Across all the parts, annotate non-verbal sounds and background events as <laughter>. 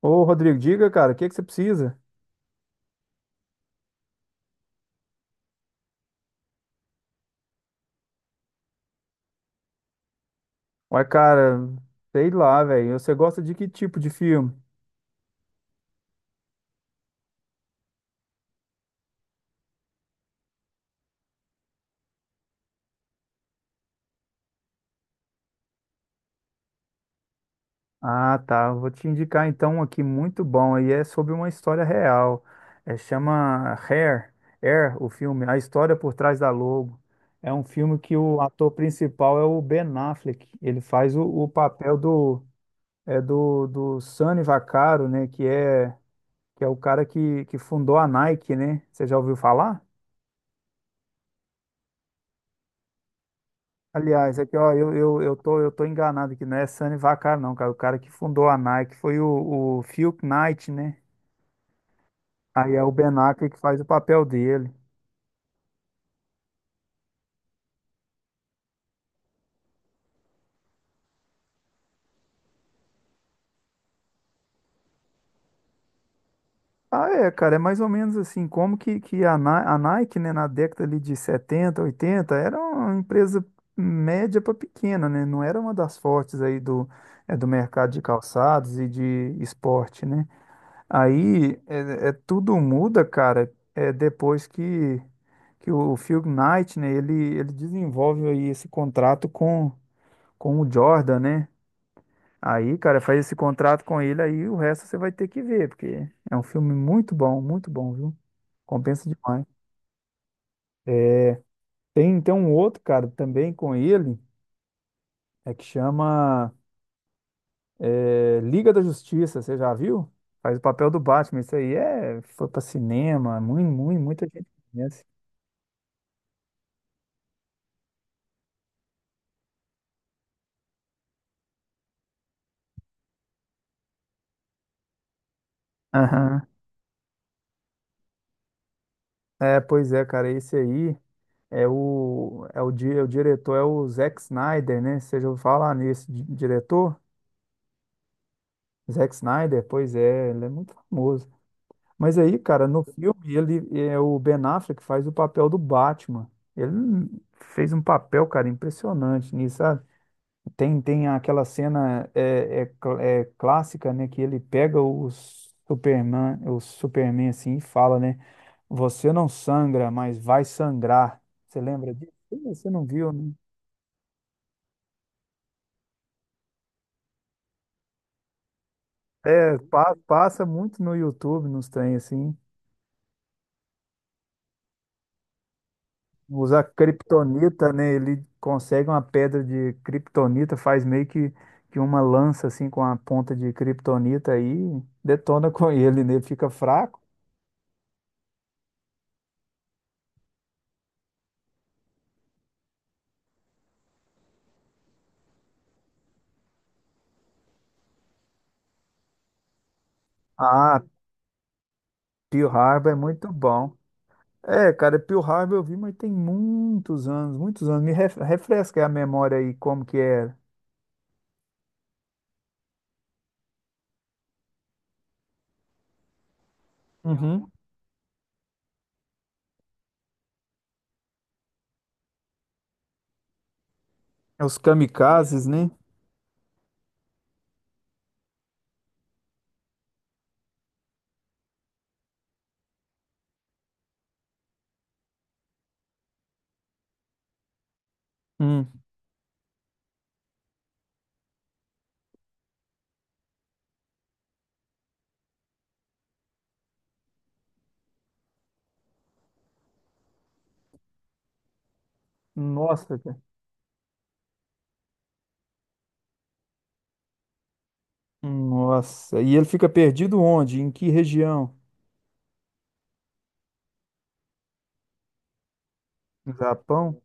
Ô, Rodrigo, diga, cara, o que que você precisa? Ué, cara, sei lá, velho. Você gosta de que tipo de filme? Ah, tá. Eu vou te indicar então um aqui muito bom. E é sobre uma história real. É, chama Hair, Air, o filme, A História por Trás da Logo. É um filme que o ator principal é o Ben Affleck. Ele faz o papel do Sonny Vaccaro, né? Que é o cara que fundou a Nike, né? Você já ouviu falar? Aliás, aqui, ó, eu tô enganado aqui, não é Sani Vaccaro, não, cara. O cara que fundou a Nike foi o Phil Knight, né? Aí é o Ben Affleck que faz o papel dele. Ah, é, cara, é mais ou menos assim, como que a Nike, né, na década ali de 70, 80, era uma empresa média para pequena, né? Não era uma das fortes aí do mercado de calçados e de esporte, né? Aí tudo muda, cara, depois que o Phil Knight, né, ele desenvolve aí esse contrato com o Jordan, né? Aí, cara, faz esse contrato com ele, aí o resto você vai ter que ver, porque é um filme muito bom, viu? Compensa demais. Tem, então um outro, cara, também com ele, é que chama Liga da Justiça, você já viu? Faz o papel do Batman, isso aí foi pra cinema, muito, muito, muita gente conhece. Aham. É, pois é, cara, esse aí. É o diretor, é o Zack Snyder, né? Você já ouviu falar nesse diretor? Zack Snyder, pois é, ele é muito famoso. Mas aí, cara, no filme, ele é o Ben Affleck faz o papel do Batman. Ele fez um papel, cara, impressionante nisso, sabe? Tem aquela cena é clássica, né? Que ele pega o Superman assim e fala, né? Você não sangra, mas vai sangrar. Você lembra disso? Você não viu, né? É, passa muito no YouTube, nos trem assim. Usar criptonita, né? Ele consegue uma pedra de criptonita, faz meio que uma lança assim com a ponta de criptonita aí, detona <laughs> com ele, né? Ele fica fraco. Ah, Pearl Harbor é muito bom. É, cara, Pearl Harbor eu vi, mas tem muitos anos, muitos anos. Me refresca a memória aí como que era. Uhum. É Os kamikazes, né? Hum. Nossa, cara. Nossa, e ele fica perdido onde? Em que região? No Japão?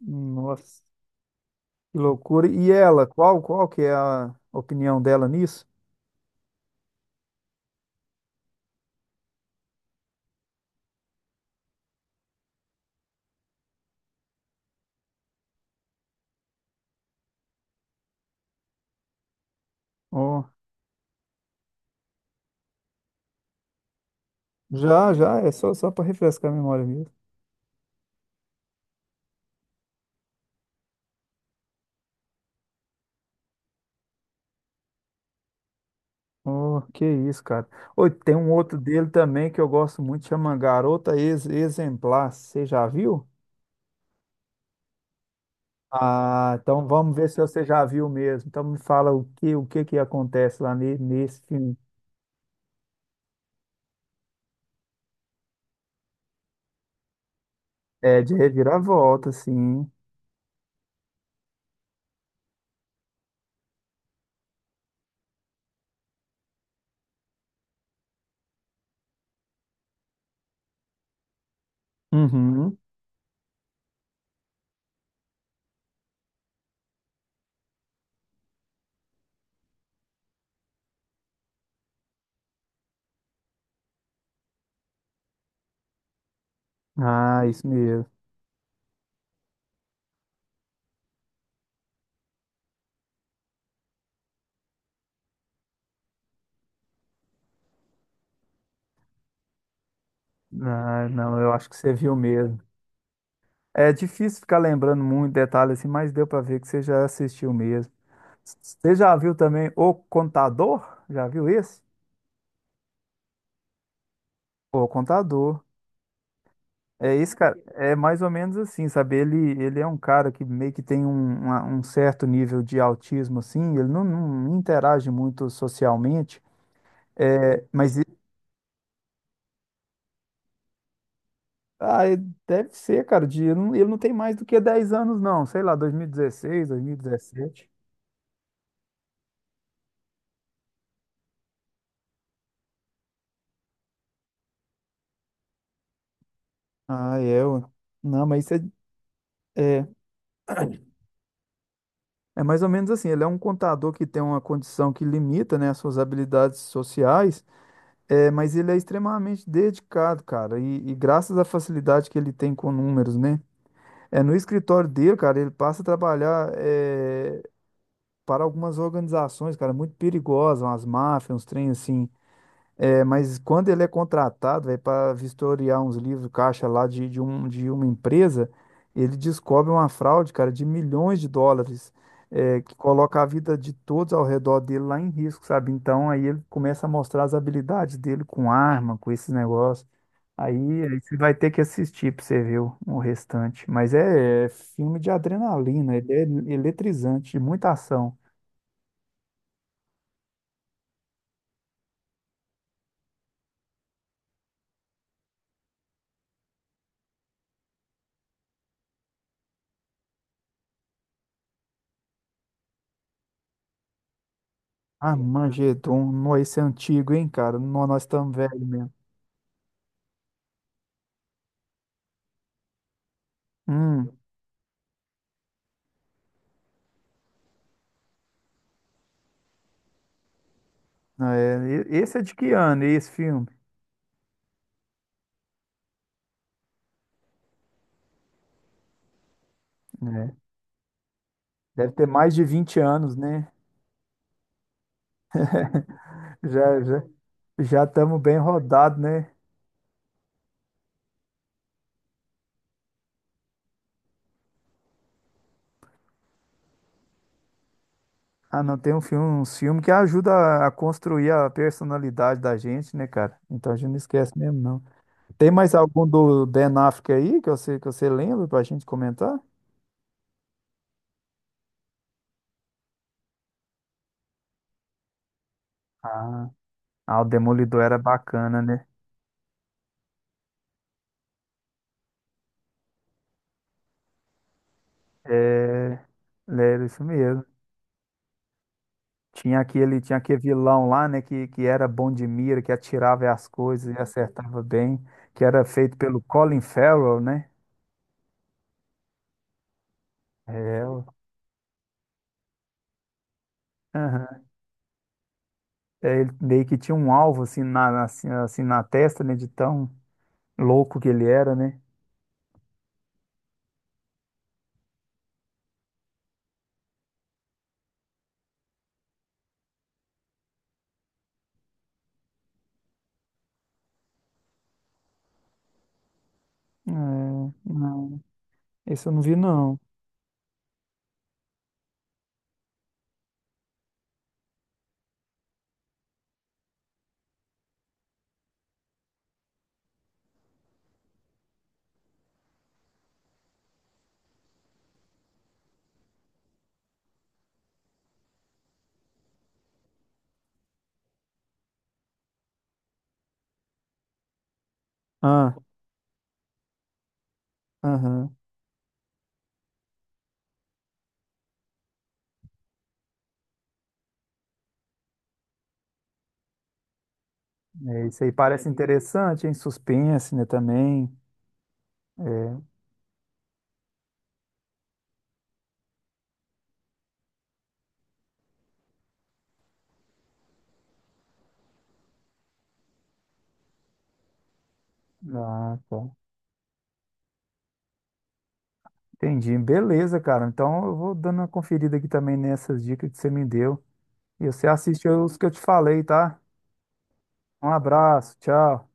Nossa, que loucura. E ela, qual que é a opinião dela nisso? Oh, já, já, é só para refrescar a memória mesmo. Oh, que isso, cara. Oi, tem um outro dele também que eu gosto muito, chama Garota Exemplar. Você já viu? Ah, então vamos ver se você já viu mesmo. Então me fala o que que acontece lá nesse filme. É de reviravolta, sim. Uhum. Ah, isso mesmo. Ah, não, eu acho que você viu mesmo. É difícil ficar lembrando muito detalhe assim, mas deu pra ver que você já assistiu mesmo. Você já viu também O Contador? Já viu esse? O Contador. É esse cara, é mais ou menos assim, sabe? Ele é um cara que meio que tem um certo nível de autismo, assim, ele não interage muito socialmente, mas e deve ser, cara, ele não tem mais do que 10 anos, não, sei lá, 2016, 2017. Ah, é. Ué. Não, mas isso é, é mais ou menos assim. Ele é um contador que tem uma condição que limita, né, as suas habilidades sociais, mas ele é extremamente dedicado, cara. E graças à facilidade que ele tem com números, né? É, no escritório dele, cara, ele passa a trabalhar para algumas organizações, cara, muito perigosas, umas máfias, uns trem assim. É, mas quando ele é contratado, velho, para vistoriar uns livros caixa lá de uma empresa, ele descobre uma fraude, cara, de milhões de dólares, que coloca a vida de todos ao redor dele lá em risco, sabe? Então aí ele começa a mostrar as habilidades dele com arma, com esses negócios. Aí você vai ter que assistir pra você ver o restante. Mas é filme de adrenalina, ele é eletrizante, de muita ação. Ah, Armagedon, nó, esse é antigo, hein, cara? Nó, nós estamos velhos mesmo. Hum, é, esse é de que ano, esse filme? Né? Deve ter mais de 20 anos, né? Já, já, já estamos bem rodados, né? Ah, não, tem um filme, uns filmes que ajuda a construir a personalidade da gente, né, cara? Então a gente não esquece mesmo, não. Tem mais algum do Ben Affleck aí que você lembra pra gente comentar? Ah, ah, o Demolidor era bacana, né? É, é isso mesmo. Tinha aquele vilão lá, né, que era bom de mira, que atirava as coisas e acertava bem, que era feito pelo Colin Farrell, né? É, o- aham. Ele meio que tinha um alvo assim assim na testa, né, de tão louco que ele era, né? É, não, esse eu não vi não. Ah, aham. É, isso aí parece interessante, hein? Suspense, né, também. É, ah, tá. Entendi. Beleza, cara. Então eu vou dando uma conferida aqui também nessas dicas que você me deu. E você assiste os que eu te falei, tá? Um abraço, tchau.